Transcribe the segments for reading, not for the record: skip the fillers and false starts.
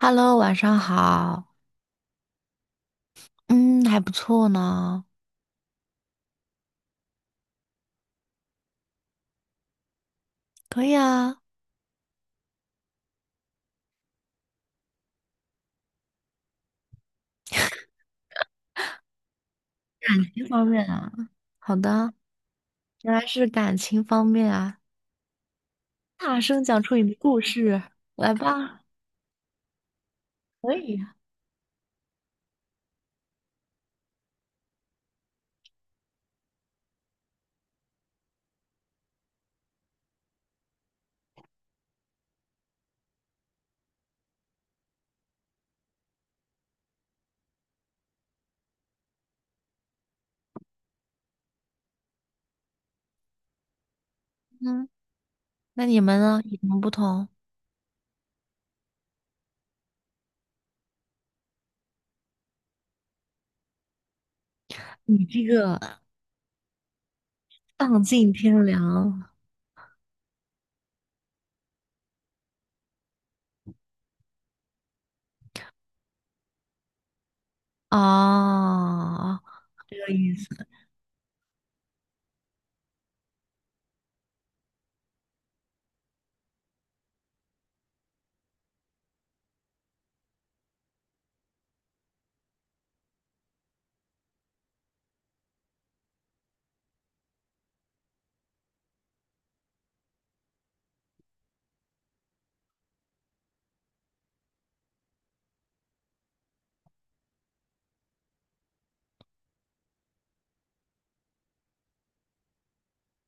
Hello，晚上好。嗯，还不错呢。可以啊，方便啊，好的。原来是感情方面啊，大声讲出你的故事，来吧。可以啊。嗯，那你们呢？有什么不同？你这个丧尽天良。哦，这个意思。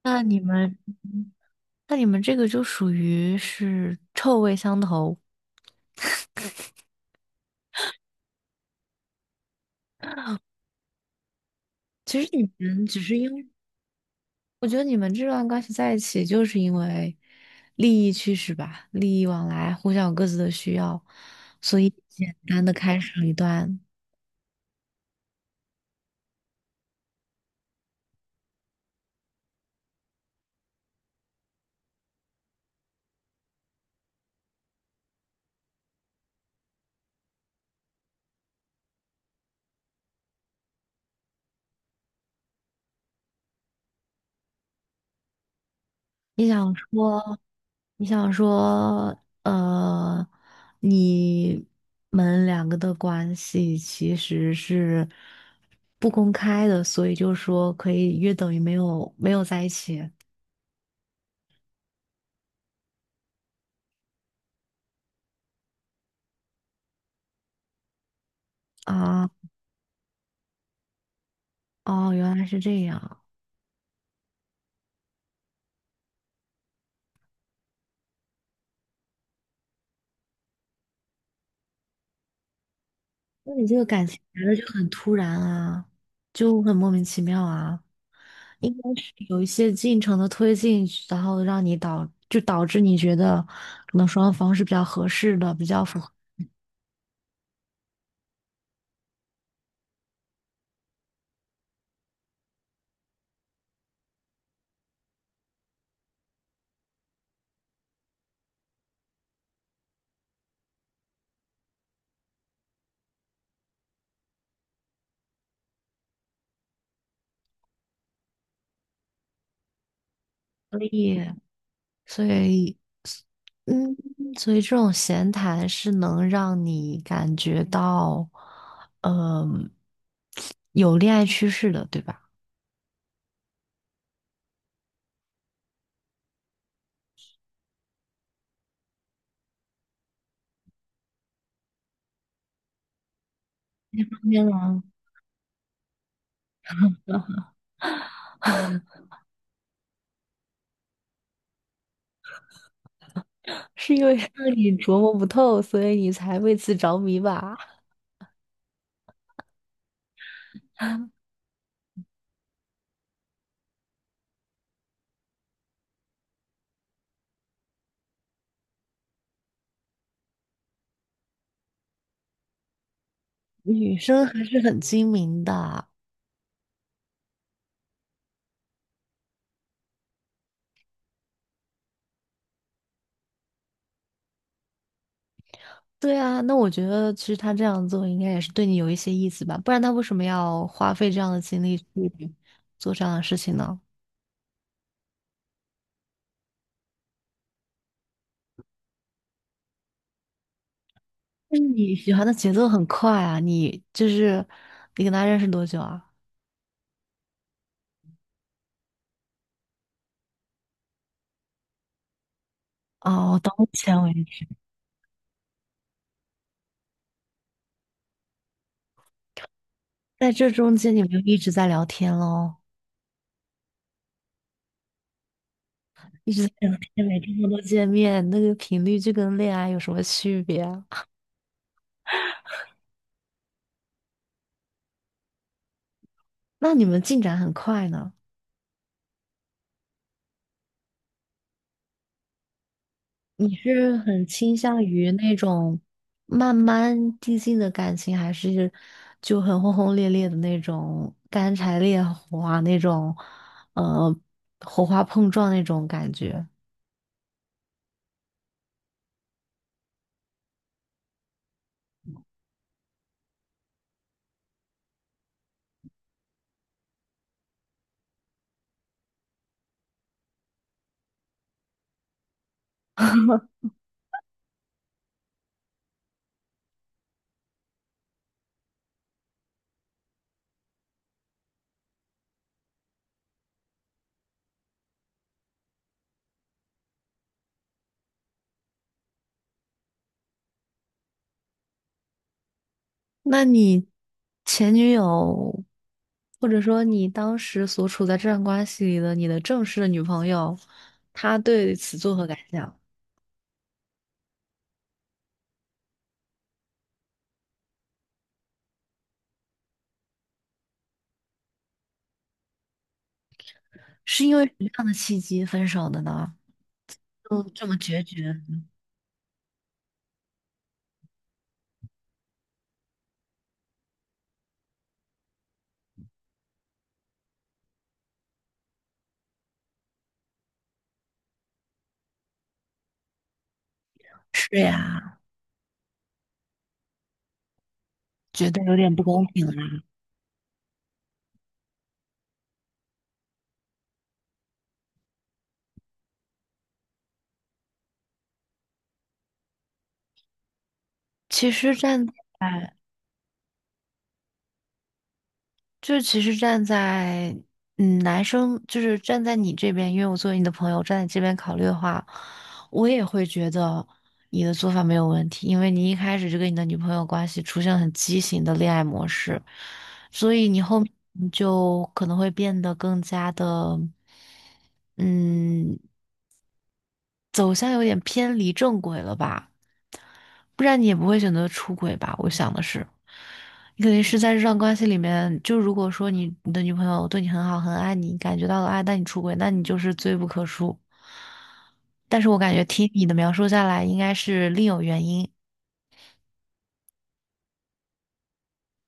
那你们，那你们这个就属于是臭味相投。其实你们只是因为。我觉得你们这段关系在一起，就是因为利益驱使吧，利益往来，互相有各自的需要，所以简单的开始了一段。你想说，你想说,呃，你们两个的关系其实是不公开的，所以就说可以约等于没有在一起啊。哦，原来是这样。那你这个感情来的就很突然啊，就很莫名其妙啊。应该是有一些进程的推进，然后让你导致你觉得可能双方是比较合适的，比较符合利益，所以嗯，所以这种闲谈是能让你感觉到，嗯、有恋爱趋势的，对吧？天呐，是因为 让你琢磨不透，所以你才为此着迷吧？女生还是很精明的。对啊，那我觉得其实他这样做应该也是对你有一些意思吧，不然他为什么要花费这样的精力去做这样的事情呢？那你喜欢的节奏很快啊，你就是你跟他认识多久啊？哦，到目前为止，在这中间你们就一直在聊天喽，一直在聊天，每天都见面，那个频率就跟恋爱有什么区别啊？那你们进展很快呢？你是很倾向于那种慢慢递进的感情，还是就很轰轰烈烈的那种干柴烈火啊，那种呃火花碰撞那种感觉？那你前女友，或者说你当时所处在这段关系里的你的正式的女朋友，她对此作何感想？是因为什么样的契机分手的呢？就这么决绝？是呀，觉得有点不公平啦。其实站在，就其实站在，嗯，男生就是站在你这边，因为我作为你的朋友，站在这边考虑的话，我也会觉得你的做法没有问题，因为你一开始就跟你的女朋友关系出现了很畸形的恋爱模式，所以你后面就可能会变得更加的，嗯，走向有点偏离正轨了吧。不然你也不会选择出轨吧？我想的是，你肯定是在这段关系里面，就如果说你的女朋友对你很好，很爱你，感觉到了爱，但你出轨，那你就是罪不可恕。但是我感觉听你的描述下来，应该是另有原因。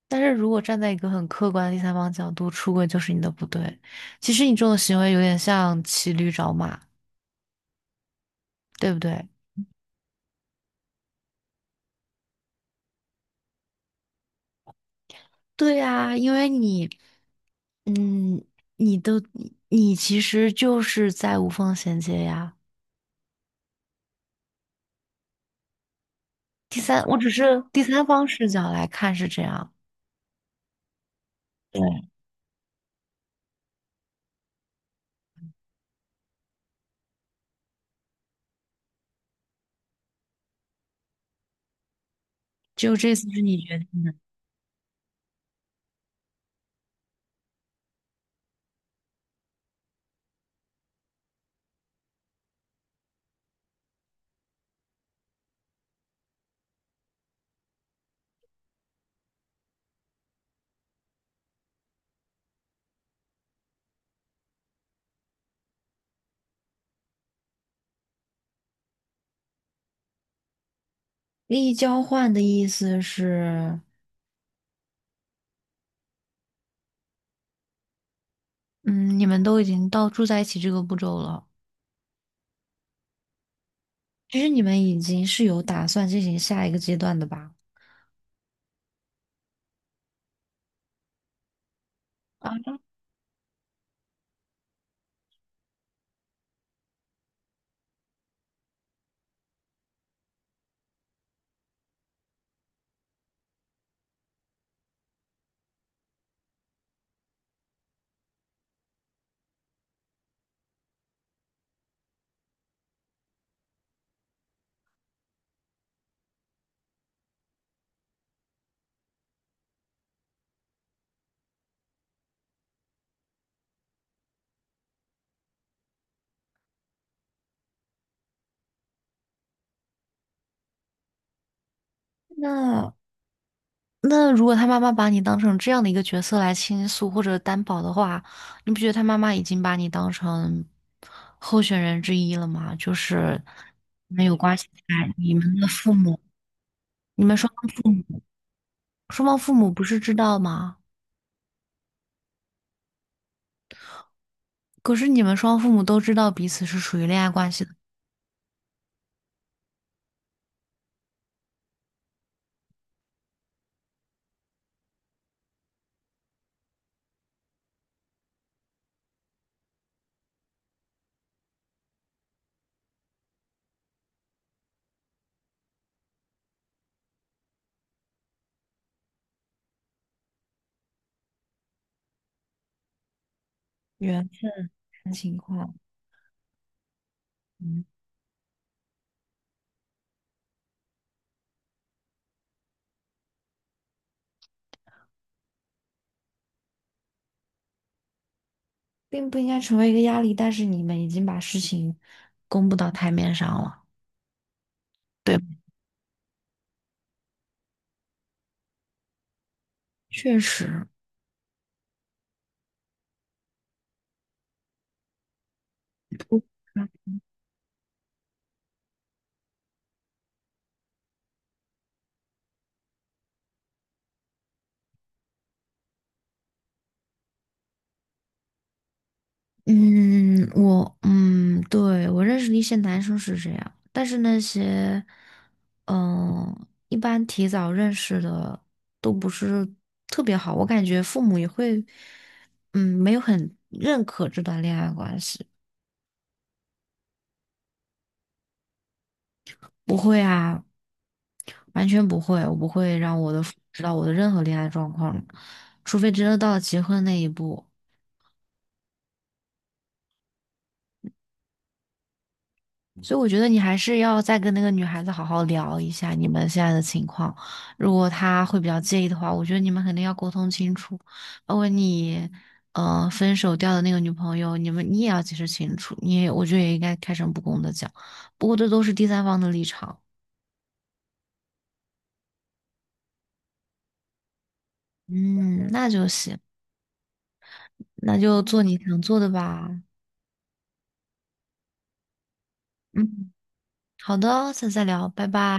但是如果站在一个很客观的第三方角度，出轨就是你的不对。其实你这种行为有点像骑驴找马，对不对？对呀，因为你，嗯，你都你其实就是在无缝衔接呀。第三，我只是第三方视角来看是这样。对，就这次是你决定。利益交换的意思是，嗯，你们都已经到住在一起这个步骤了，其实你们已经是有打算进行下一个阶段的吧？啊，那那如果他妈妈把你当成这样的一个角色来倾诉或者担保的话，你不觉得他妈妈已经把你当成候选人之一了吗？就是你们有关系在，你们的父母，你们双方父母。双方父母不是知道吗？可是你们双方父母都知道彼此是属于恋爱关系的原生情况。嗯，并不应该成为一个压力，但是你们已经把事情公布到台面上了，对吧？确实。对，我认识的一些男生是这样，但是那些，嗯，一般提早认识的都不是特别好，我感觉父母也会，嗯，没有很认可这段恋爱关系。不会啊，完全不会，我不会让我的父母知道我的任何恋爱状况，除非真的到了结婚那一步。所以我觉得你还是要再跟那个女孩子好好聊一下你们现在的情况。如果她会比较介意的话，我觉得你们肯定要沟通清楚。包括你，呃，分手掉的那个女朋友，你也要解释清楚。你也，我觉得也应该开诚布公的讲。不过这都是第三方的立场。嗯，那就行，那就做你想做的吧。嗯，好的，下次再聊，拜拜。